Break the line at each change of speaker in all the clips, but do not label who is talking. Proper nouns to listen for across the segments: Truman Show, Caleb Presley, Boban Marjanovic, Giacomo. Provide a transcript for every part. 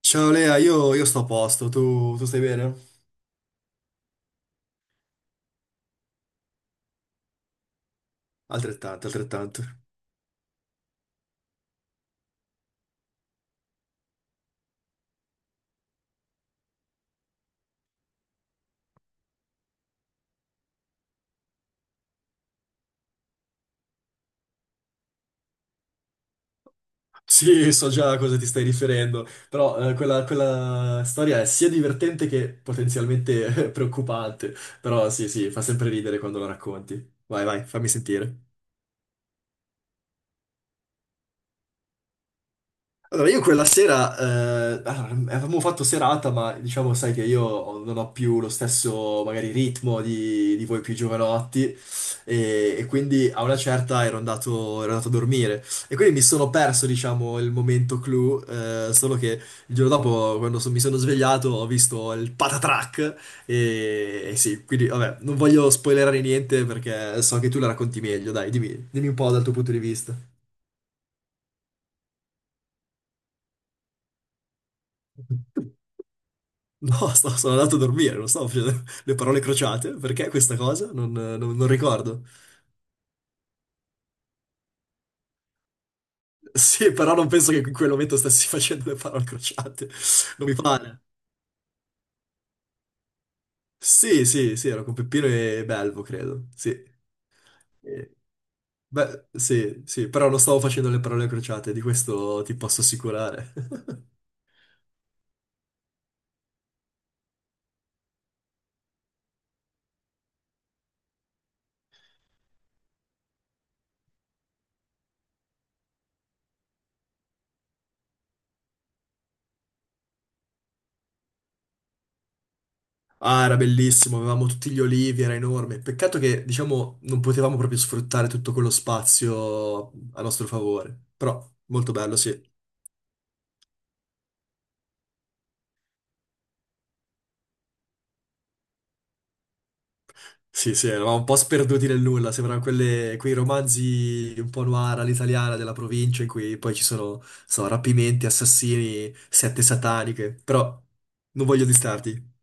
Ciao Lea, io sto a posto, tu stai bene? Altrettanto, altrettanto. Sì, so già a cosa ti stai riferendo, però quella storia è sia divertente che potenzialmente preoccupante, però sì, sì, fa sempre ridere quando la racconti. Vai, vai, fammi sentire. Allora, io quella sera, allora, avevamo fatto serata, ma diciamo, sai che io non ho più lo stesso, magari, ritmo di voi più giovanotti, e quindi a una certa ero andato a dormire. E quindi mi sono perso, diciamo, il momento clou, solo che il giorno dopo, quando mi sono svegliato, ho visto il patatrack, e sì, quindi, vabbè, non voglio spoilerare niente perché so che tu la racconti meglio, dai, dimmi, dimmi un po' dal tuo punto di vista. No, sono andato a dormire, non stavo facendo le parole crociate. Perché questa cosa? Non ricordo. Sì, però non penso che in quel momento stessi facendo le parole crociate. Non mi pare. Sì, sì, sì, ero con Peppino e Belvo, credo. Sì. Eh, beh, sì, sì, però non stavo facendo le parole crociate, di questo ti posso assicurare. Ah, era bellissimo, avevamo tutti gli olivi, era enorme. Peccato che, diciamo, non potevamo proprio sfruttare tutto quello spazio a nostro favore. Però, molto bello, sì. Sì, sì, eravamo un po' sperduti nel nulla, sembrano quei romanzi un po' noir all'italiana della provincia in cui poi ci sono, so, rapimenti, assassini, sette sataniche, però non voglio distarti.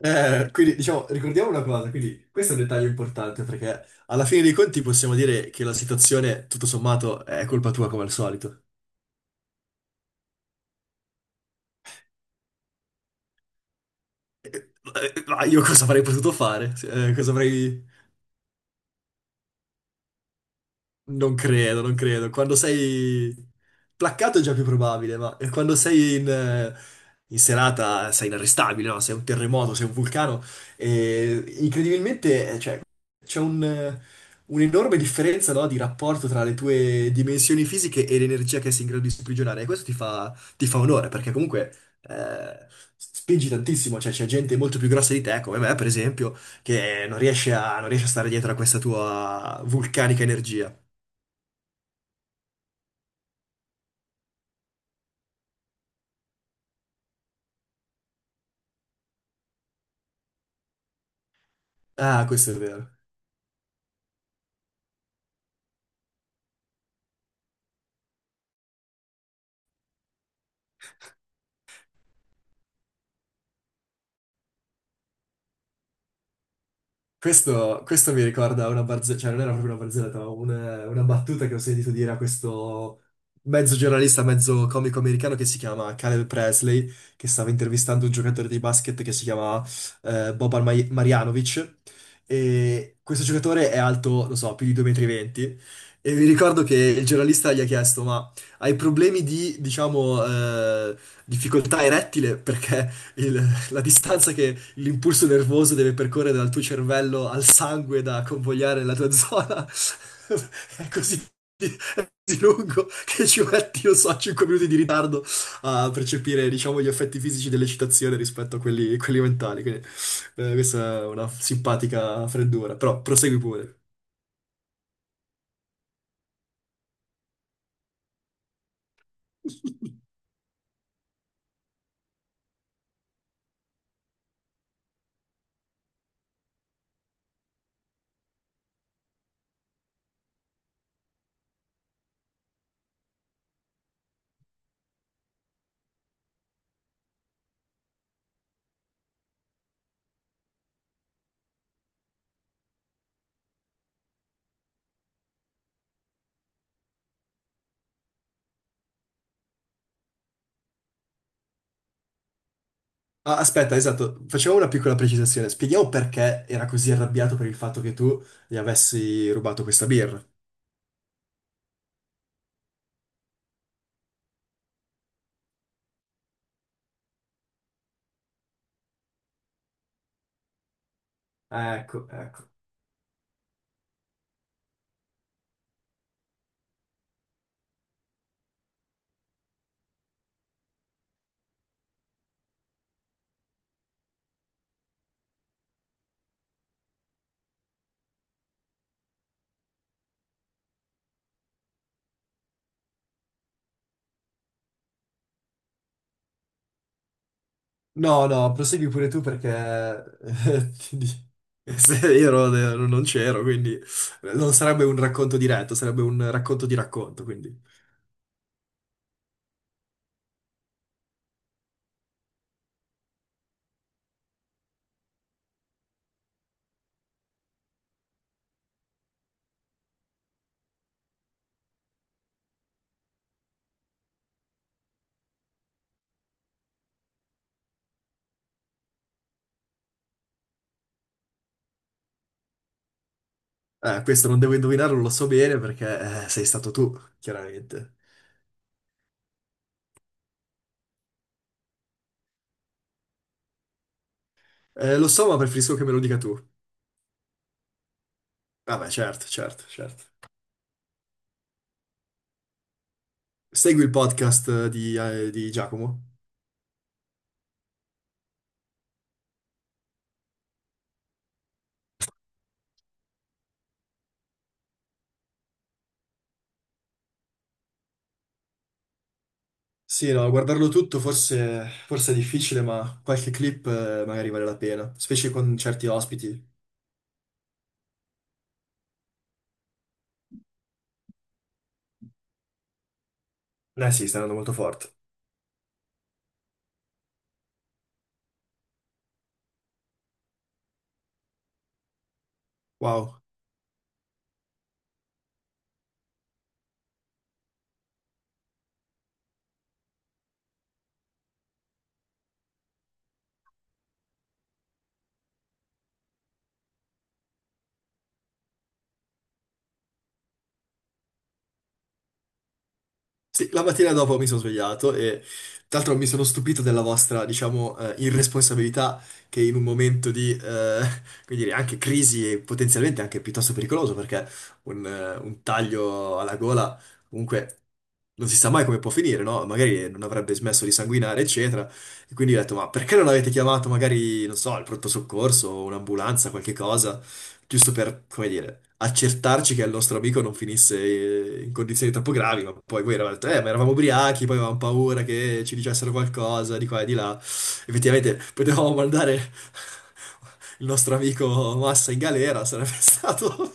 Quindi, diciamo, ricordiamo una cosa, quindi questo è un dettaglio importante perché alla fine dei conti possiamo dire che la situazione, tutto sommato, è colpa tua come al solito. Eh, Ma io cosa avrei potuto fare? Cosa avrei... Non credo, non credo. Quando sei placcato è già più probabile, ma quando sei in, in serata sei inarrestabile, no? Sei un terremoto, sei un vulcano. E incredibilmente, cioè, c'è un, un'enorme differenza, no, di rapporto tra le tue dimensioni fisiche e l'energia che sei in grado di sprigionare. E questo ti fa onore, perché comunque eh, spingi tantissimo. Cioè, c'è gente molto più grossa di te, come me, per esempio, che non riesce a, non riesce a stare dietro a questa tua vulcanica energia. Ah, questo è vero. Questo mi ricorda una barzelletta, cioè non era proprio una barzelletta, ma una battuta che ho sentito dire a questo mezzo giornalista, mezzo comico americano che si chiama Caleb Presley, che stava intervistando un giocatore di basket che si chiama Boban Marjanovic. E questo giocatore è alto, non so, più di 2,20 m. E mi ricordo che il giornalista gli ha chiesto: ma hai problemi di, diciamo, difficoltà erettile? Perché il- la distanza che l'impulso nervoso deve percorrere dal tuo cervello al sangue da convogliare la tua zona è così, è così lungo che ci metti, non so, 5 minuti di ritardo a percepire, diciamo, gli effetti fisici dell'eccitazione rispetto a quelli, quelli mentali. Quindi, questa è una simpatica freddura, però prosegui pure. Ah, aspetta, esatto, facciamo una piccola precisazione. Spieghiamo perché era così arrabbiato per il fatto che tu gli avessi rubato questa birra. Ecco, ecco. No, no, prosegui pure tu perché eh, ti di- se io non c'ero, quindi non sarebbe un racconto diretto, sarebbe un racconto di racconto, quindi questo non devo indovinarlo, lo so bene perché sei stato tu, chiaramente. Lo so, ma preferisco che me lo dica tu. Vabbè, certo, certo, certo. Segui il podcast di Giacomo? Sì, no, guardarlo tutto forse, forse è difficile, ma qualche clip magari vale la pena, specie con certi ospiti. Eh sì, sta andando molto forte. Wow. Sì, la mattina dopo mi sono svegliato e tra l'altro mi sono stupito della vostra, diciamo, irresponsabilità che in un momento di, come dire, anche crisi e potenzialmente anche piuttosto pericoloso perché un taglio alla gola comunque non si sa mai come può finire, no? Magari non avrebbe smesso di sanguinare, eccetera. E quindi ho detto, ma perché non avete chiamato magari, non so, il pronto soccorso, un'ambulanza, qualche cosa? Giusto per, come dire, accertarci che il nostro amico non finisse in condizioni troppo gravi, ma poi voi eravate, ma eravamo ubriachi, poi avevamo paura che ci dicessero qualcosa di qua e di là. Effettivamente potevamo mandare il nostro amico Massa in galera, sarebbe stato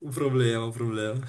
un problema, un problema.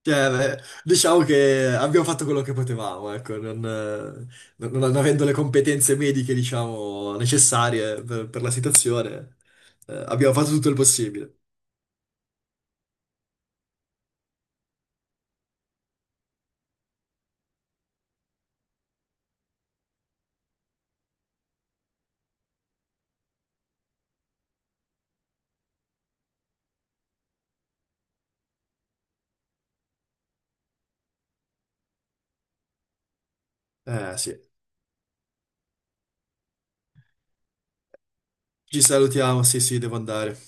Cioè, beh, diciamo che abbiamo fatto quello che potevamo, ecco, non, non avendo le competenze mediche, diciamo, necessarie per la situazione, abbiamo fatto tutto il possibile. Eh sì, ci salutiamo, sì sì, devo andare.